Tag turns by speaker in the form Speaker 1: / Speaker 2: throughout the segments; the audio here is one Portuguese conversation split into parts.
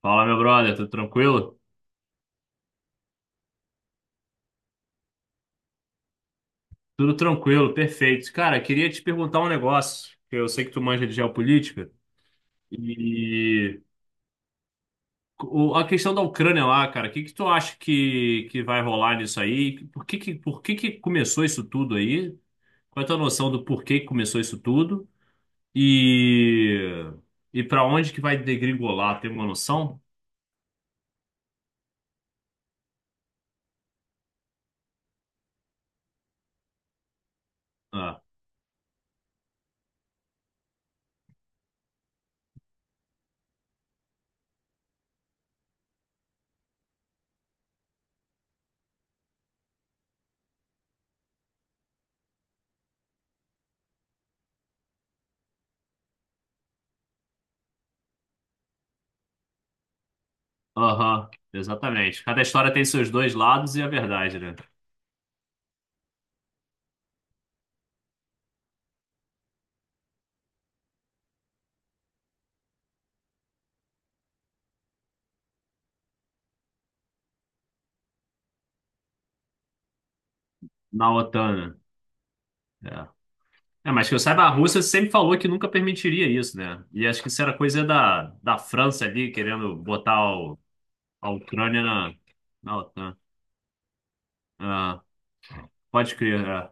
Speaker 1: Fala, meu brother, tudo tranquilo? Tudo tranquilo, perfeito. Cara, queria te perguntar um negócio, que eu sei que tu manja de geopolítica, e a questão da Ucrânia lá, cara, o que que tu acha que vai rolar nisso aí? Por que que começou isso tudo aí? Qual é a tua noção do porquê que começou isso tudo? E, e para onde que vai degringolar? Tem uma noção? Ah, aham, exatamente. Cada história tem seus dois lados e a verdade, né? Na OTAN, né? É. É, mas que eu saiba, a Rússia sempre falou que nunca permitiria isso, né? E acho que isso era coisa da França ali, querendo botar a Ucrânia na, na OTAN. Ah, pode crer, é.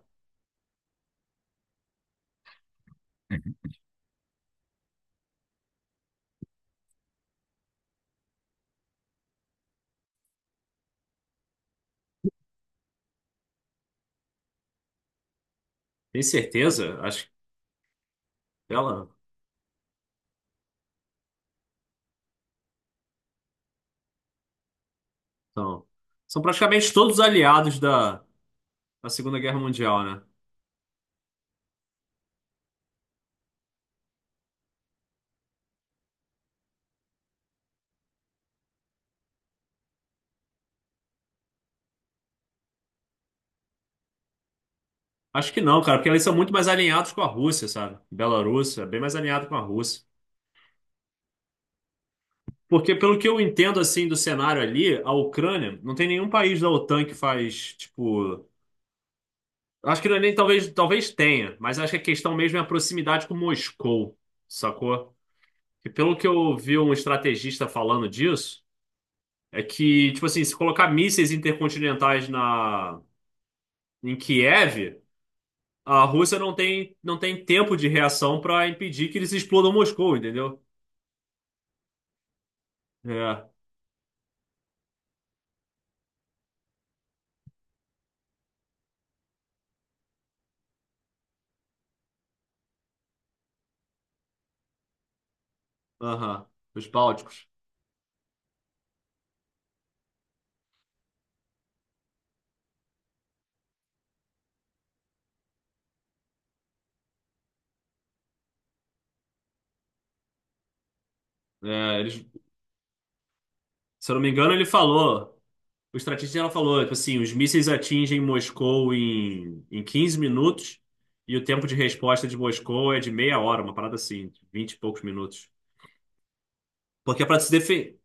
Speaker 1: Tem certeza? Acho que ela. Então, são praticamente todos aliados da, da Segunda Guerra Mundial, né? Acho que não, cara, porque eles são muito mais alinhados com a Rússia, sabe? Belarus é bem mais alinhado com a Rússia. Porque, pelo que eu entendo, assim, do cenário ali, a Ucrânia, não tem nenhum país da OTAN que faz, tipo. Acho que não é nem talvez, talvez tenha, mas acho que a questão mesmo é a proximidade com Moscou, sacou? E pelo que eu ouvi um estrategista falando disso, é que, tipo assim, se colocar mísseis intercontinentais na em Kiev, a Rússia não tem, não tem tempo de reação para impedir que eles explodam Moscou, entendeu? É, aham, os Bálticos. É, eles, se eu não me engano, ele falou. O estrategista ela falou, tipo assim, os mísseis atingem Moscou em 15 minutos e o tempo de resposta de Moscou é de meia hora, uma parada assim, 20 e poucos minutos. Porque é pra se defender.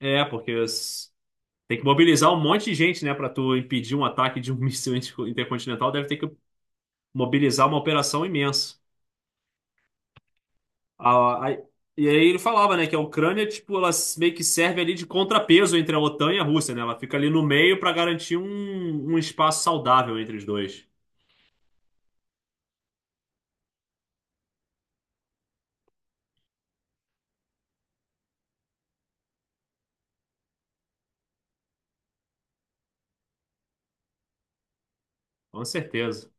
Speaker 1: É, porque tem que mobilizar um monte de gente, né, pra tu impedir um ataque de um míssil intercontinental, deve ter que mobilizar uma operação imensa. A- a- e aí ele falava, né, que a Ucrânia, tipo, ela meio que serve ali de contrapeso entre a OTAN e a Rússia, né? Ela fica ali no meio pra garantir um espaço saudável entre os dois. Com certeza.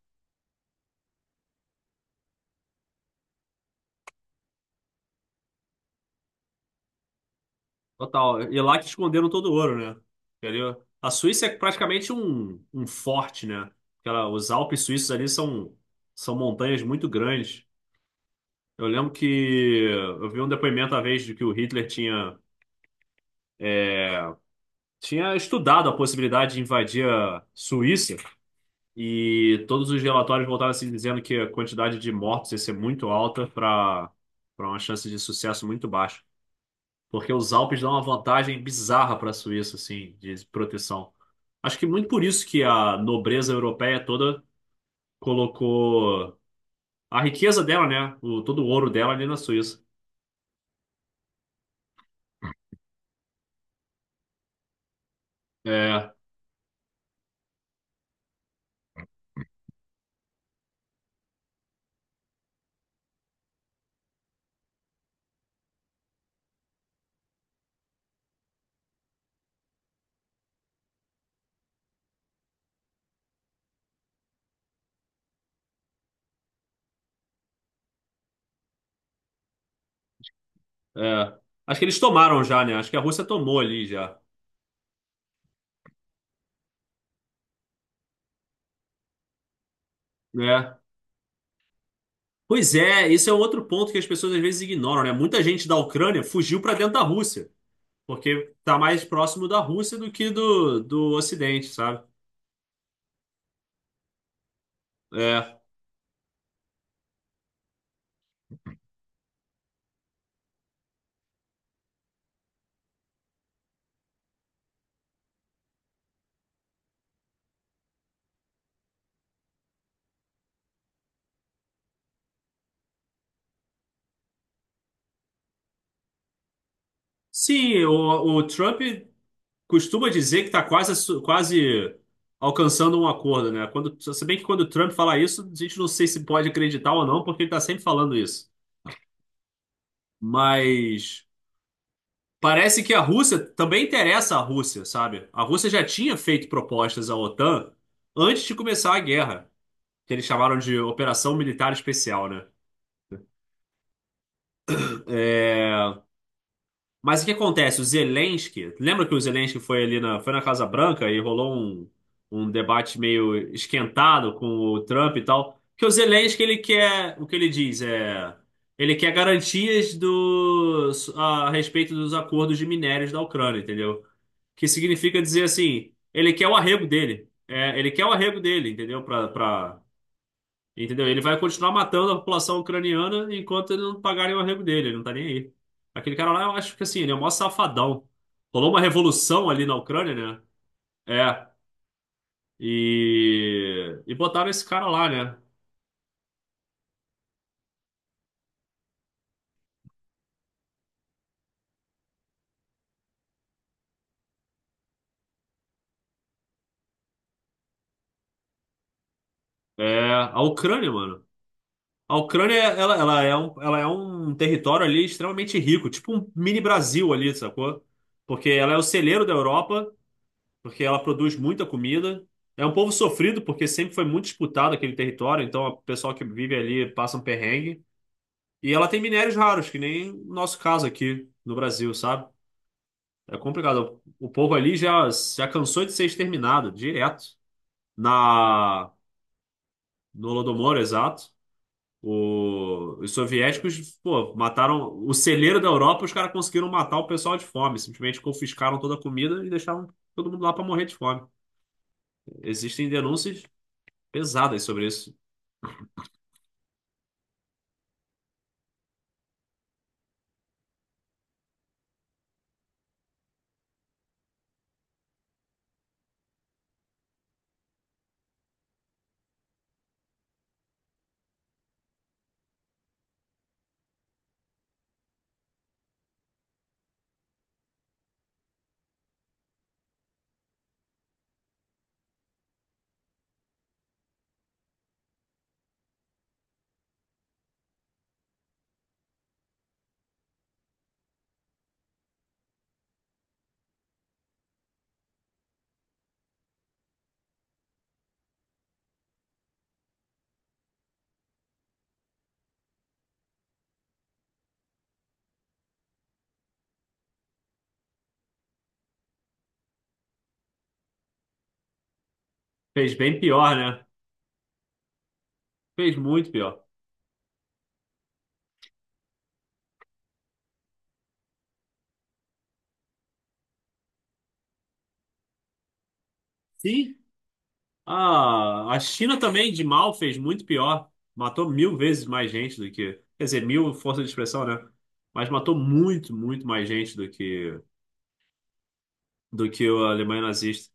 Speaker 1: Total. E lá que esconderam todo o ouro, né? Entendeu? A Suíça é praticamente um forte, né? Aquela, os Alpes suíços ali são, são montanhas muito grandes. Eu lembro que eu vi um depoimento uma vez de que o Hitler tinha, é, tinha estudado a possibilidade de invadir a Suíça e todos os relatórios voltaram assim dizendo que a quantidade de mortos ia ser muito alta para uma chance de sucesso muito baixa. Porque os Alpes dão uma vantagem bizarra para a Suíça, assim, de proteção. Acho que muito por isso que a nobreza europeia toda colocou a riqueza dela, né? O, todo o ouro dela ali na Suíça. É, é. Acho que eles tomaram já, né? Acho que a Rússia tomou ali já. É. Pois é, esse é um outro ponto que as pessoas às vezes ignoram, né? Muita gente da Ucrânia fugiu para dentro da Rússia, porque tá mais próximo da Rússia do que do, do Ocidente, sabe? É. Sim, o Trump costuma dizer que está quase, quase alcançando um acordo, né? Quando, se bem que quando o Trump fala isso, a gente não sei se pode acreditar ou não, porque ele está sempre falando isso. Mas parece que a Rússia também interessa a Rússia, sabe? A Rússia já tinha feito propostas à OTAN antes de começar a guerra, que eles chamaram de Operação Militar Especial, né? É, mas o que acontece? O Zelensky, lembra que o Zelensky foi ali na, foi na Casa Branca e rolou um debate meio esquentado com o Trump e tal? Que o Zelensky, ele quer, o que ele diz é, ele quer garantias do, a respeito dos acordos de minérios da Ucrânia, entendeu? Que significa dizer assim, ele quer o arrego dele, é, ele quer o arrego dele, entendeu? Para entendeu? Ele vai continuar matando a população ucraniana enquanto ele não pagarem o arrego dele, ele não tá nem aí. Aquele cara lá, eu acho que assim, ele é o maior safadão. Rolou uma revolução ali na Ucrânia, né? É. E, e botaram esse cara lá, né? É, a Ucrânia, mano. A Ucrânia, ela é um território ali extremamente rico, tipo um mini Brasil ali, sacou? Porque ela é o celeiro da Europa porque ela produz muita comida. É um povo sofrido, porque sempre foi muito disputado aquele território, então o pessoal que vive ali passa um perrengue. E ela tem minérios raros, que nem o nosso caso aqui no Brasil, sabe? É complicado. O povo ali já, já cansou de ser exterminado, direto. Na, no Holodomor, exato. Os soviéticos, pô, mataram o celeiro da Europa, os caras conseguiram matar o pessoal de fome. Simplesmente confiscaram toda a comida e deixaram todo mundo lá para morrer de fome. Existem denúncias pesadas sobre isso. Fez bem pior, né? Fez muito pior. Sim, ah, a China também, de mal, fez muito pior. Matou mil vezes mais gente do que. Quer dizer, mil, força de expressão, né? Mas matou muito, muito mais gente do que a Alemanha nazista.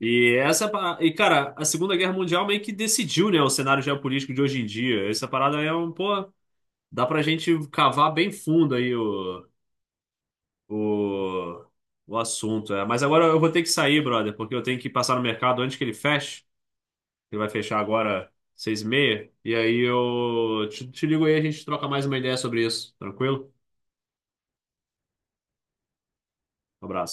Speaker 1: E, cara, a Segunda Guerra Mundial meio que decidiu, né, o cenário geopolítico de hoje em dia. Essa parada é um. Pô, dá pra gente cavar bem fundo aí o, o assunto. É. Mas agora eu vou ter que sair, brother, porque eu tenho que passar no mercado antes que ele feche. Ele vai fechar agora seis e meia. E aí eu te, te ligo aí, a gente troca mais uma ideia sobre isso. Tranquilo? Um abraço.